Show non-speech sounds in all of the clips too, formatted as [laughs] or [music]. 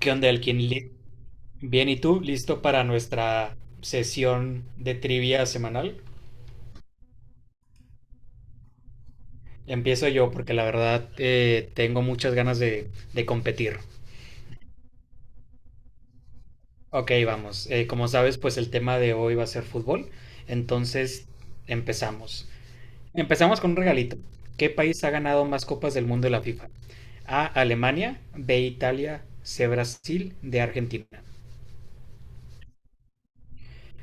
¿Qué onda, Elkin? Bien, ¿y tú? ¿Listo para nuestra sesión de trivia semanal? Empiezo yo porque la verdad tengo muchas ganas de competir. Ok, vamos. Como sabes, pues el tema de hoy va a ser fútbol. Entonces, empezamos. Empezamos con un regalito. ¿Qué país ha ganado más copas del mundo de la FIFA? A, Alemania, B, Italia, C, Brasil, D, Argentina.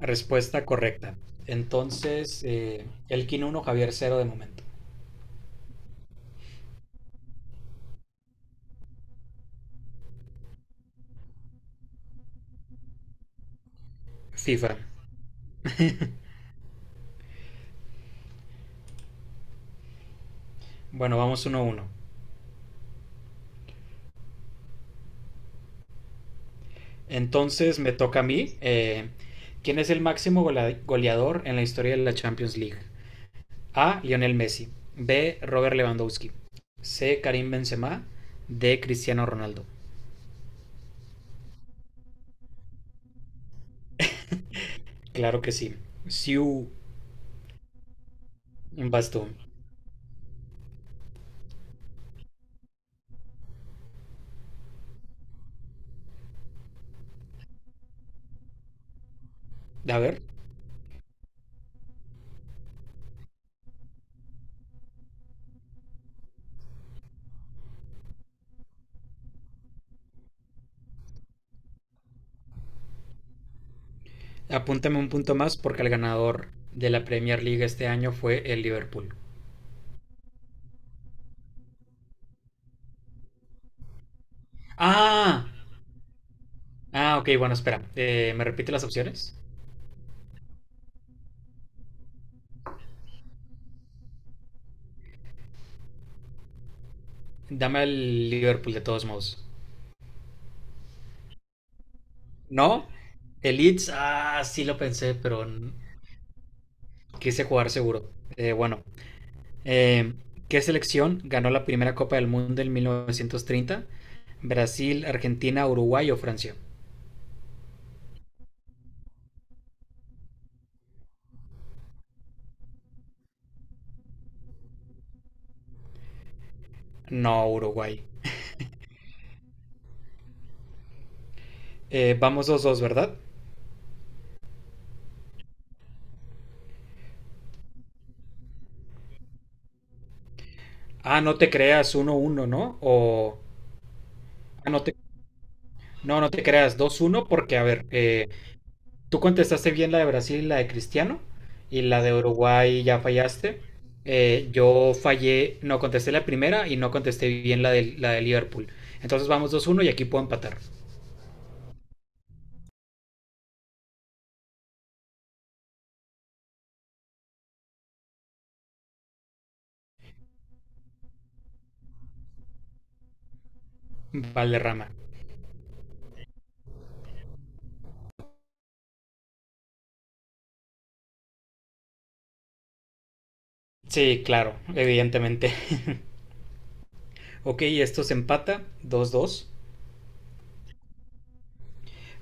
Respuesta correcta. Entonces, Elkin uno, Javier cero de momento. FIFA. Bueno, vamos uno a uno. Entonces me toca a mí. ¿Quién es el máximo goleador en la historia de la Champions League? A. Lionel Messi. B. Robert Lewandowski. C. Karim Benzema. D. Cristiano Ronaldo. Claro que sí. Siu, vas tú. A ver, apúntame un punto más porque el ganador de la Premier League este año fue el Liverpool. ¡Ah! Ah, ok, bueno, espera. ¿Me repite las opciones? Dame al Liverpool de todos modos. ¿No? El Leeds, ah, sí lo pensé, pero quise jugar seguro. Bueno, eh, ¿qué selección ganó la primera Copa del Mundo en 1930? ¿Brasil, Argentina, Uruguay o Francia? No, Uruguay. Vamos dos dos, ¿verdad? Ah, no te creas uno uno, ¿no? O... ah, no te... No, no te creas dos uno porque, a ver, tú contestaste bien la de Brasil, y la de Cristiano, y la de Uruguay ya fallaste. Yo fallé, no contesté la primera y no contesté bien la la de Liverpool. Entonces vamos 2-1 y aquí puedo empatar. Valderrama. Sí, claro, evidentemente. [laughs] Ok, esto se empata 2-2.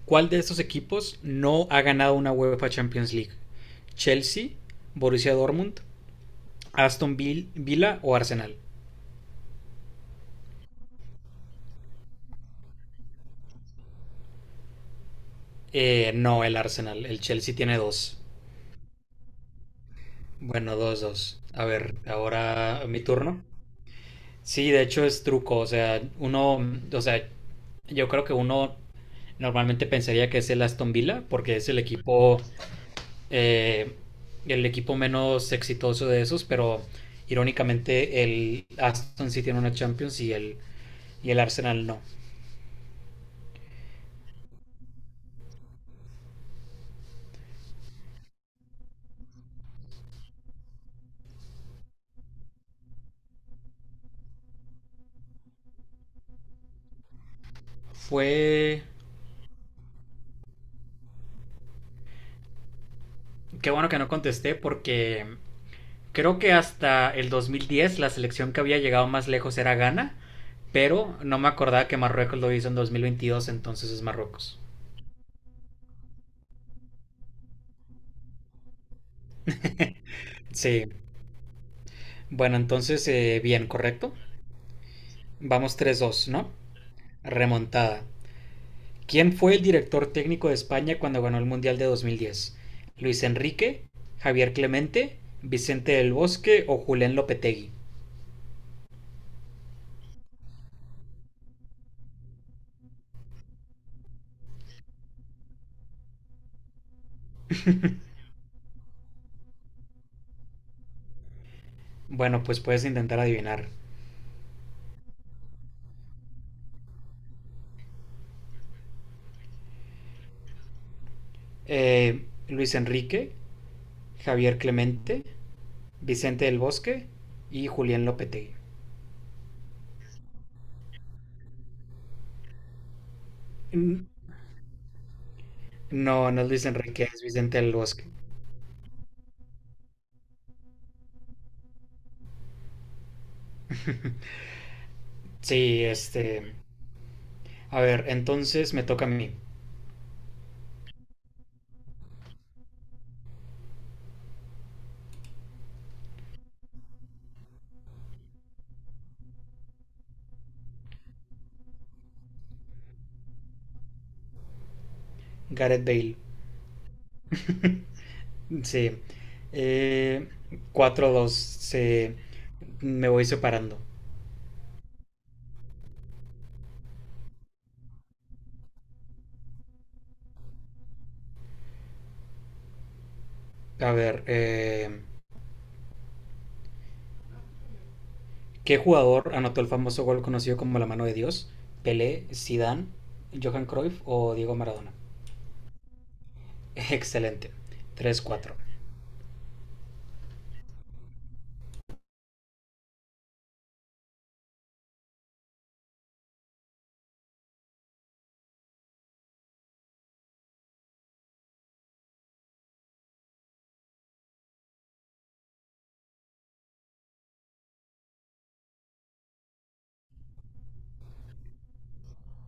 ¿Cuál de estos equipos no ha ganado una UEFA Champions League? ¿Chelsea, Borussia Dortmund, Villa o Arsenal? No, el Arsenal. El Chelsea tiene dos. Bueno, dos, dos. A ver, ahora mi turno. Sí, de hecho es truco, o sea, uno, o sea, yo creo que uno normalmente pensaría que es el Aston Villa, porque es el eh, el equipo menos exitoso de esos, pero irónicamente el Aston sí tiene una Champions y el Arsenal no. Fue... Qué bueno que no contesté porque creo que hasta el 2010 la selección que había llegado más lejos era Ghana. Pero no me acordaba que Marruecos lo hizo en 2022, entonces es Marruecos. Sí, bueno, entonces bien, correcto. Vamos tres dos, ¿no? Remontada. ¿Quién fue el director técnico de España cuando ganó el Mundial de 2010? ¿Luis Enrique, Javier Clemente, Vicente del Bosque o Julen Lopetegui? Bueno, pues puedes intentar adivinar. Luis Enrique, Javier Clemente, Vicente del Bosque y Julen Lopetegui. No, no es Luis Enrique, es Vicente del Bosque. Sí, este. A ver, entonces me toca a mí. Gareth Bale. Sí. Eh, 4-2. Se... Me voy separando. A ver, ¿qué jugador anotó el famoso gol conocido como la mano de Dios? ¿Pelé, Zidane, Johan Cruyff o Diego Maradona? [laughs] Excelente. Tres cuatro.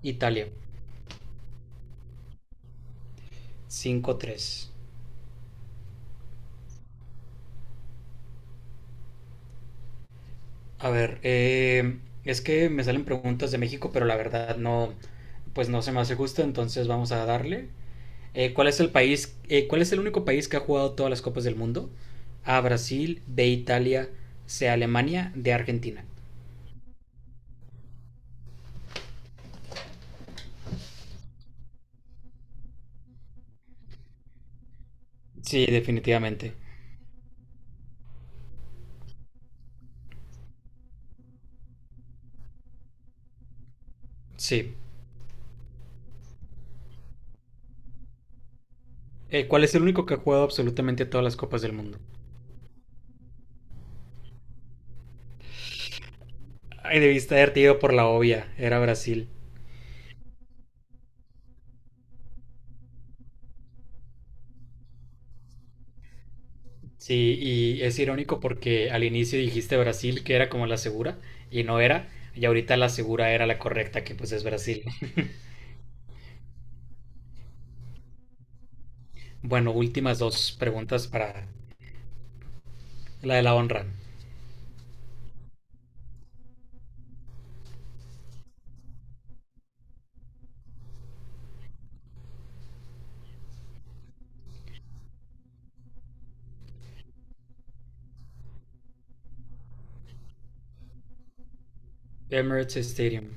Italia. Cinco tres. A ver, es que me salen preguntas de México, pero la verdad no, pues no se me hace justo, entonces vamos a darle. ¿Cuál es el país? Eh, ¿cuál es el único país que ha jugado todas las copas del mundo? A Brasil, B Italia, C Alemania, D Argentina. Sí, definitivamente. Sí. ¿Cuál es el único que ha jugado absolutamente todas las copas del mundo? Ay, debiste haberte ido por la obvia. Era Brasil. Sí, y es irónico porque al inicio dijiste Brasil, que era como la segura, y no era. Y ahorita la segura era la correcta, que pues es Brasil. [laughs] Bueno, últimas dos preguntas para la de la honra. Emirates Stadium.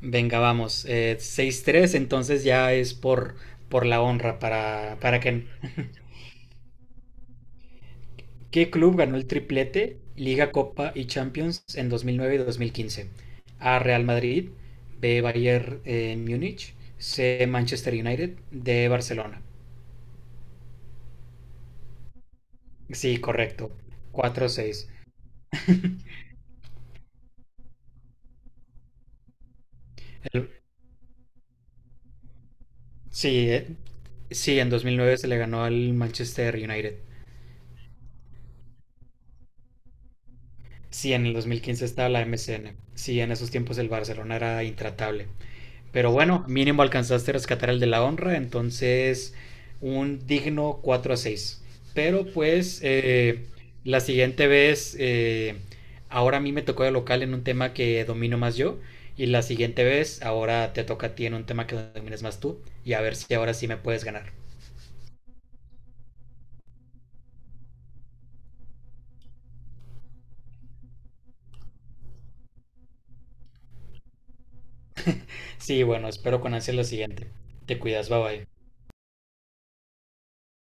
Venga, vamos. 6-3, entonces ya es por la honra para que... ¿Qué club ganó el triplete, Liga, Copa y Champions en 2009 y 2015? A. Real Madrid, B. Bayern Múnich, C. Manchester United, D. Barcelona. Sí, correcto. Cuatro seis. El- Sí, sí, en 2009 se le ganó al Manchester United. Sí, en el 2015 estaba la MCN. Sí, en esos tiempos el Barcelona era intratable. Pero bueno, mínimo alcanzaste a rescatar el de la honra, entonces un digno 4 a 6. Pero pues la siguiente vez, ahora a mí me tocó de local en un tema que domino más yo. Y la siguiente vez, ahora te toca a ti en un tema que domines más tú. Y a ver si ahora sí me puedes ganar. Sí, bueno, espero con ansia lo siguiente. Te cuidas, bye bye.